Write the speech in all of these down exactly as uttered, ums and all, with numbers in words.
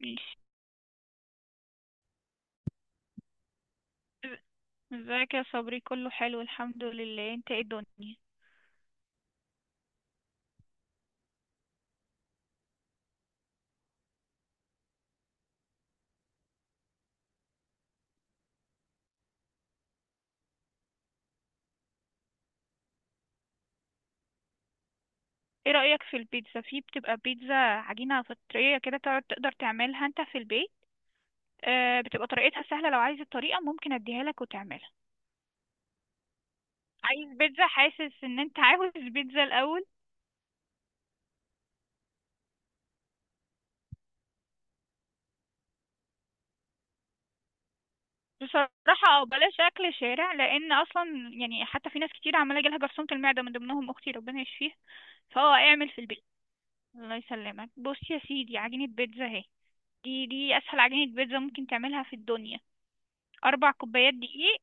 ماشي. ازيك يا صبري؟ كله حلو الحمد لله، انت ايه الدنيا؟ ايه رأيك في البيتزا؟ في بتبقى بيتزا عجينة فطرية كده، تقعد- تقدر تعملها انت في البيت. آه، بتبقى طريقتها سهلة، لو عايز الطريقة ممكن اديها لك وتعملها. عايز بيتزا، حاسس ان انت عاوز بيتزا الاول. بصراحة او بلاش اكل شارع، لان اصلا يعني حتى في ناس كتير عمالة يجيلها جرثومة المعدة، من ضمنهم اختي ربنا يشفيها. فهو اعمل في البيت. الله يسلمك. بص يا سيدي، عجينة بيتزا اهي. دي دي اسهل عجينة بيتزا ممكن تعملها في الدنيا. أربع كوبايات دقيق.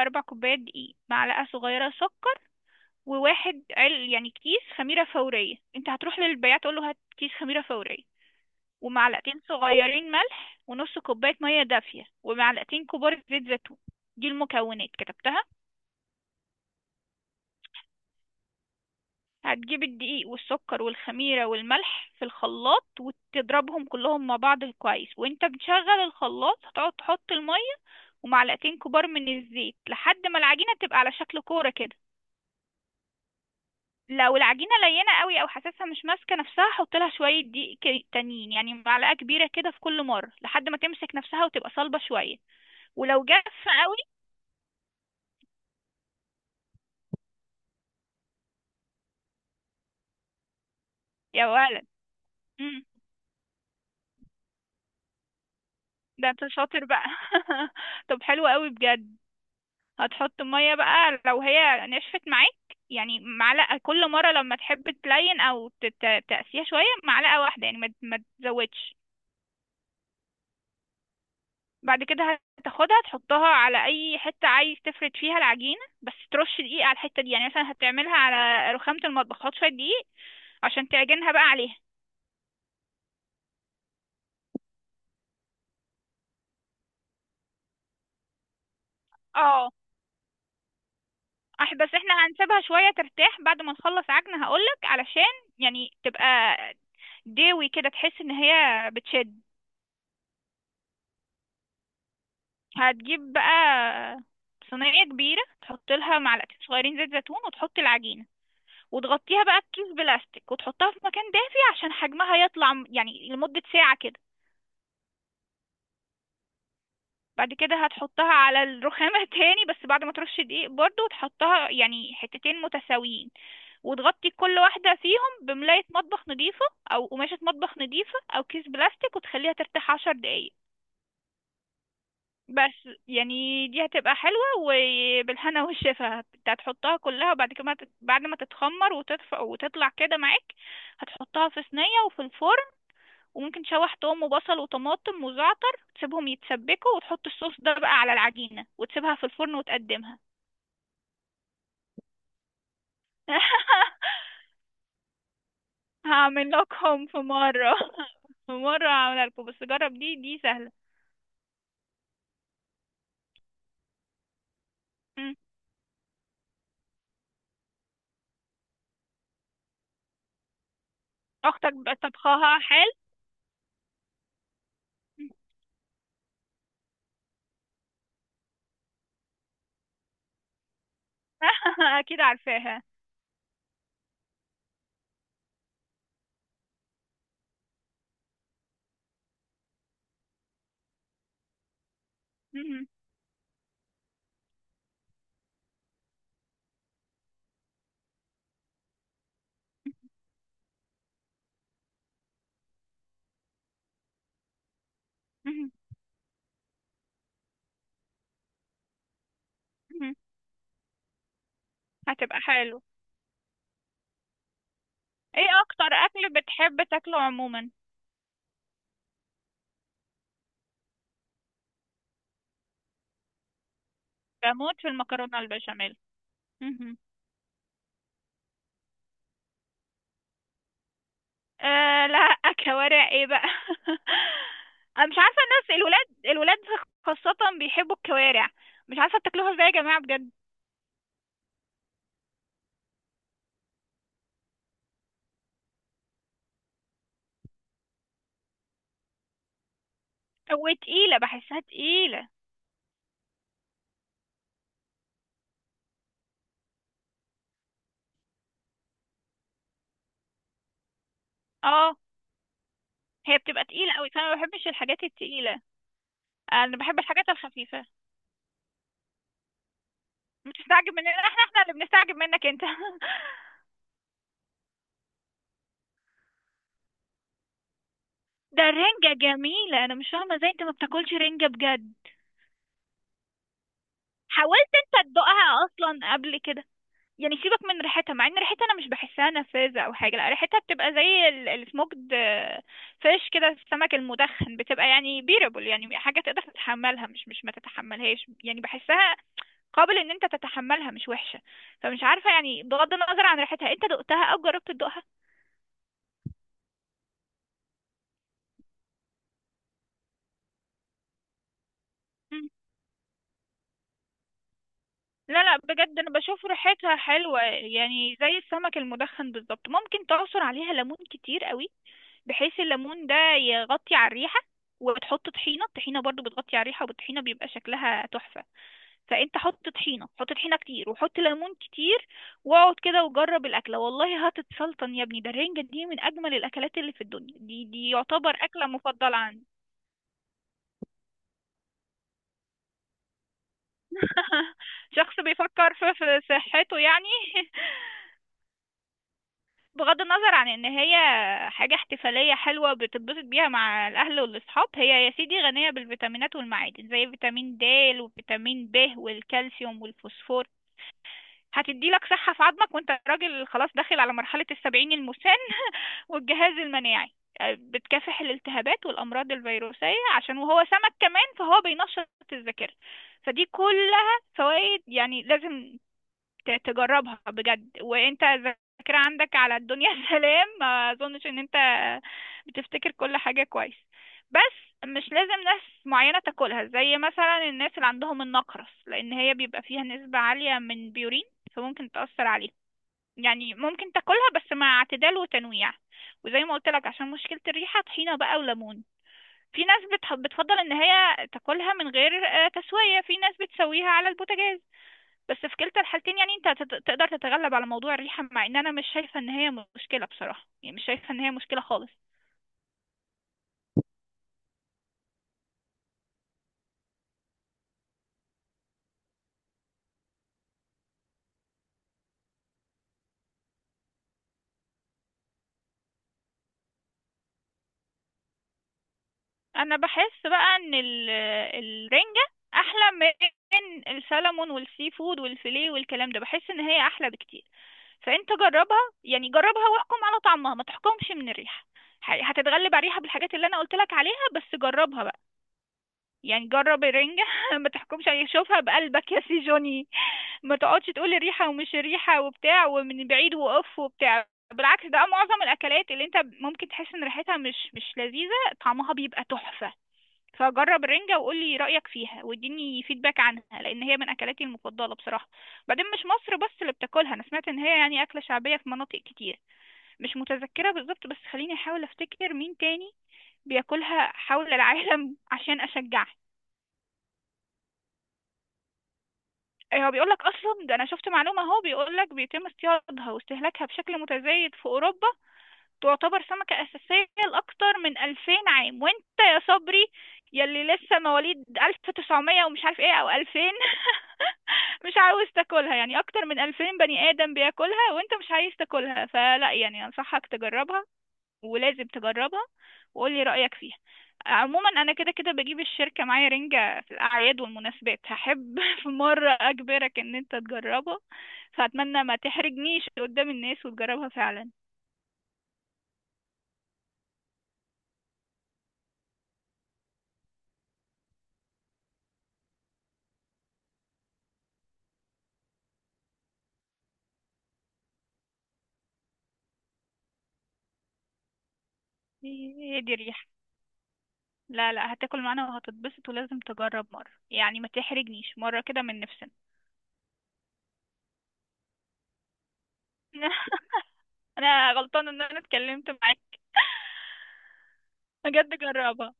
أربع كوبايات دقيق، معلقة صغيرة سكر، وواحد عل يعني كيس خميرة فورية. أنت هتروح للبياع تقول له هات كيس خميرة فورية. ومعلقتين صغيرين ملح، ونص كوباية مية دافية، ومعلقتين كبار زيت زيتون. دي المكونات، كتبتها؟ هتجيب الدقيق والسكر والخميرة والملح في الخلاط، وتضربهم كلهم مع بعض كويس، وانت بتشغل الخلاط هتقعد تحط المية ومعلقتين كبار من الزيت، لحد ما العجينة تبقى على شكل كورة كده. لو العجينة لينة قوي او حاسسها مش ماسكة نفسها حط لها شوية دقيق ك- تانيين، يعني معلقة كبيرة كده في كل مرة لحد ما تمسك نفسها وتبقى صلبة شوية. ولو جافة قوي، يا ولد. مم. ده انت شاطر بقى. طب حلو قوي بجد. هتحط مية بقى لو هي نشفت معاك، يعني معلقة كل مرة لما تحب تلين او ت- ت- تقسيها شوية، معلقة واحدة يعني، ما ما تزودش. بعد كده هتاخدها تحطها على اي حته عايز تفرد فيها العجينه، بس ترش دقيق على الحته دي، يعني مثلا هتعملها على رخامه المطبخ، هات شويه دقيق عشان تعجنها بقى عليها. اه. اح بس احنا هنسيبها شويه ترتاح بعد ما نخلص عجن هقولك، علشان يعني تبقى داوي كده تحس ان هي بتشد. هتجيب بقى صينيه كبيره، تحط لها معلقتين صغيرين زيت زيتون وتحط العجينه، وتغطيها بقى بكيس بلاستيك، وتحطها في مكان دافي عشان حجمها يطلع، م- يعني لمده ساعه كده. بعد كده هتحطها على الرخامة تاني، بس بعد ما ترش دقيق برضو، وتحطها يعني حتتين متساويين، وتغطي كل واحدة فيهم بملاية مطبخ نظيفة أو قماشة مطبخ نظيفة أو كيس بلاستيك، وتخليها ترتاح عشر دقايق. بس يعني دي هتبقى حلوة وبالهنا والشفا. انت هتحطها كلها، وبعد كده بعد ما تتخمر وتدفى وتطلع كده معاك هتحطها في صينية وفي الفرن. وممكن تشوح توم وبصل وطماطم وزعتر تسيبهم يتسبكوا، وتحط الصوص ده بقى على العجينة وتسيبها في الفرن وتقدمها. هعمل لكم في مرة. في مرة هعملها لكم، بس جرب. دي دي سهلة. مم. أختك بقى طبخها حال. أكيد عارفاها. مم. مم. مم. هتبقى حلو. ايه أكتر أكل بتحب تاكله عموما؟ بموت في المكرونة البشاميل. آه لا. كوارع ايه بقى! انا مش عارفه، الناس الولاد، الولاد خاصه بيحبوا الكوارع، مش عارفه بتاكلوها ازاي يا جماعه بجد. وتقيله، بحسها تقيله. اه هي بتبقى تقيله قوي، فانا ما بحبش الحاجات التقيله. انا بحب الحاجات الخفيفه. بتستعجب مننا؟ احنا احنا اللي بنستعجب منك انت. ده الرنجه جميله، انا مش فاهمه ازاي انت ما بتاكلش رنجه بجد. حاولت انت تدوقها اصلا قبل كده؟ يعني سيبك من ريحتها، مع ان ريحتها انا مش بحسها نفاذة او حاجة، لا ريحتها بتبقى زي السموكد. فيش كده، السمك المدخن بتبقى يعني بيربل، يعني حاجة تقدر تتحملها، مش مش ما تتحملهاش، يعني بحسها قابل ان انت تتحملها، مش وحشة. فمش عارفة، يعني بغض النظر عن ريحتها انت دقتها او جربت تدوقها؟ مم. لا لا، بجد انا بشوف ريحتها حلوة، يعني زي السمك المدخن بالظبط. ممكن تعصر عليها ليمون كتير قوي بحيث الليمون ده يغطي على الريحة، وبتحط طحينة. الطحينة برضو بتغطي على الريحة، والطحينة بيبقى شكلها تحفة. فانت حط طحينة، حط طحينة كتير، وحط ليمون كتير، واقعد كده وجرب الأكلة، والله هتتسلطن يا ابني. ده الرنجة دي من أجمل الأكلات اللي في الدنيا. دي دي يعتبر أكلة مفضلة عندي. شخص بيفكر في في صحته يعني. بغض النظر عن ان هي حاجة احتفالية حلوة بتتبسط بيها مع الاهل والاصحاب، هي يا سيدي غنية بالفيتامينات والمعادن، زي فيتامين د وفيتامين ب والكالسيوم والفوسفور. هتدي لك صحة في عظمك، وانت راجل خلاص داخل على مرحلة السبعين المسن والجهاز المناعي، آه، بتكافح الالتهابات والامراض الفيروسية، عشان وهو سمك كمان فهو بينشط الذاكرة، فدي كلها فوائد، يعني لازم ت- تجربها بجد. وانت الذاكرة عندك على الدنيا، سلام، ما اظنش ان انت بتفتكر كل حاجة كويس. بس مش لازم ناس معينة تاكلها، زي مثلا الناس اللي عندهم النقرس، لان هي بيبقى فيها نسبة عالية من بيورين، فممكن تأثر عليك. يعني ممكن تاكلها بس مع اعتدال وتنويع. وزي ما قلت لك عشان مشكلة الريحة، طحينة بقى وليمون. في ناس بتح- بتفضل ان هي تاكلها من غير آه، تسوية، في ناس بتسويها على البوتاجاز. بس في كلتا الحالتين، يعني انت هتت- تقدر تتغلب على موضوع الريحة، مع ان انا مش شايفة ان هي مشكلة بصراحة، يعني مش شايفة ان هي مشكلة خالص. انا بحس بقى ان ال- الرنجة احلى من السلمون والسي فود والفيليه والكلام ده، بحس ان هي احلى بكتير. فانت جربها، يعني جربها واحكم على طعمها، ما تحكمش من الريحة، ح- هتتغلب على الريحة بالحاجات اللي انا قلت لك عليها، بس جربها بقى. يعني جرب الرنجة. ما تحكمش عليها، شوفها بقلبك يا سي جوني، ما تقعدش تقولي ريحة ومش ريحة وبتاع، ومن بعيد وقف وبتاع. بالعكس، ده معظم الأكلات اللي انت ممكن تحس ان ريحتها مش مش لذيذة طعمها بيبقى تحفة. فجرب الرنجة، وقولي رأيك فيها، واديني فيدباك عنها، لأن هي من أكلاتي المفضلة بصراحة. بعدين مش مصر بس اللي بتاكلها، أنا سمعت إن هي يعني أكلة شعبية في مناطق كتير، مش متذكرة بالظبط، بس خليني أحاول أفتكر مين تاني بياكلها حول العالم. عشان أشجعك، إيه، هو بيقول لك اصلا، ده انا شفت معلومه اهو، بيقول لك بيتم اصطيادها واستهلاكها بشكل متزايد في اوروبا، تعتبر سمكه اساسيه لاكثر من ألفين عام. وانت يا صبري، يلي لسه مواليد ألف وتسعمية ومش عارف ايه او ألفين، مش عاوز تاكلها؟ يعني اكتر من ألفين بني ادم بياكلها وانت مش عايز تاكلها! فلا يعني انصحك تجربها، ولازم تجربها، وقولي رأيك فيها. عموما انا كده كده بجيب الشركة معايا رنجة في الاعياد والمناسبات، هحب في مرة اجبرك ان انت تجربها، فاتمنى ما تحرجنيش قدام الناس وتجربها فعلا. هي دي ريحة؟ لا لا، هتاكل معانا وهتتبسط، ولازم تجرب مرة، يعني ما تحرجنيش مرة كده من نفسنا. انا غلطانة ان انا اتكلمت معاك. بجد جربها.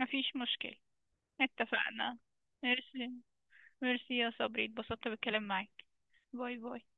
مفيش مشكلة. اتفقنا. ماشي. ميرسي يا صبري، اتبسطت بالكلام معاك. باي باي.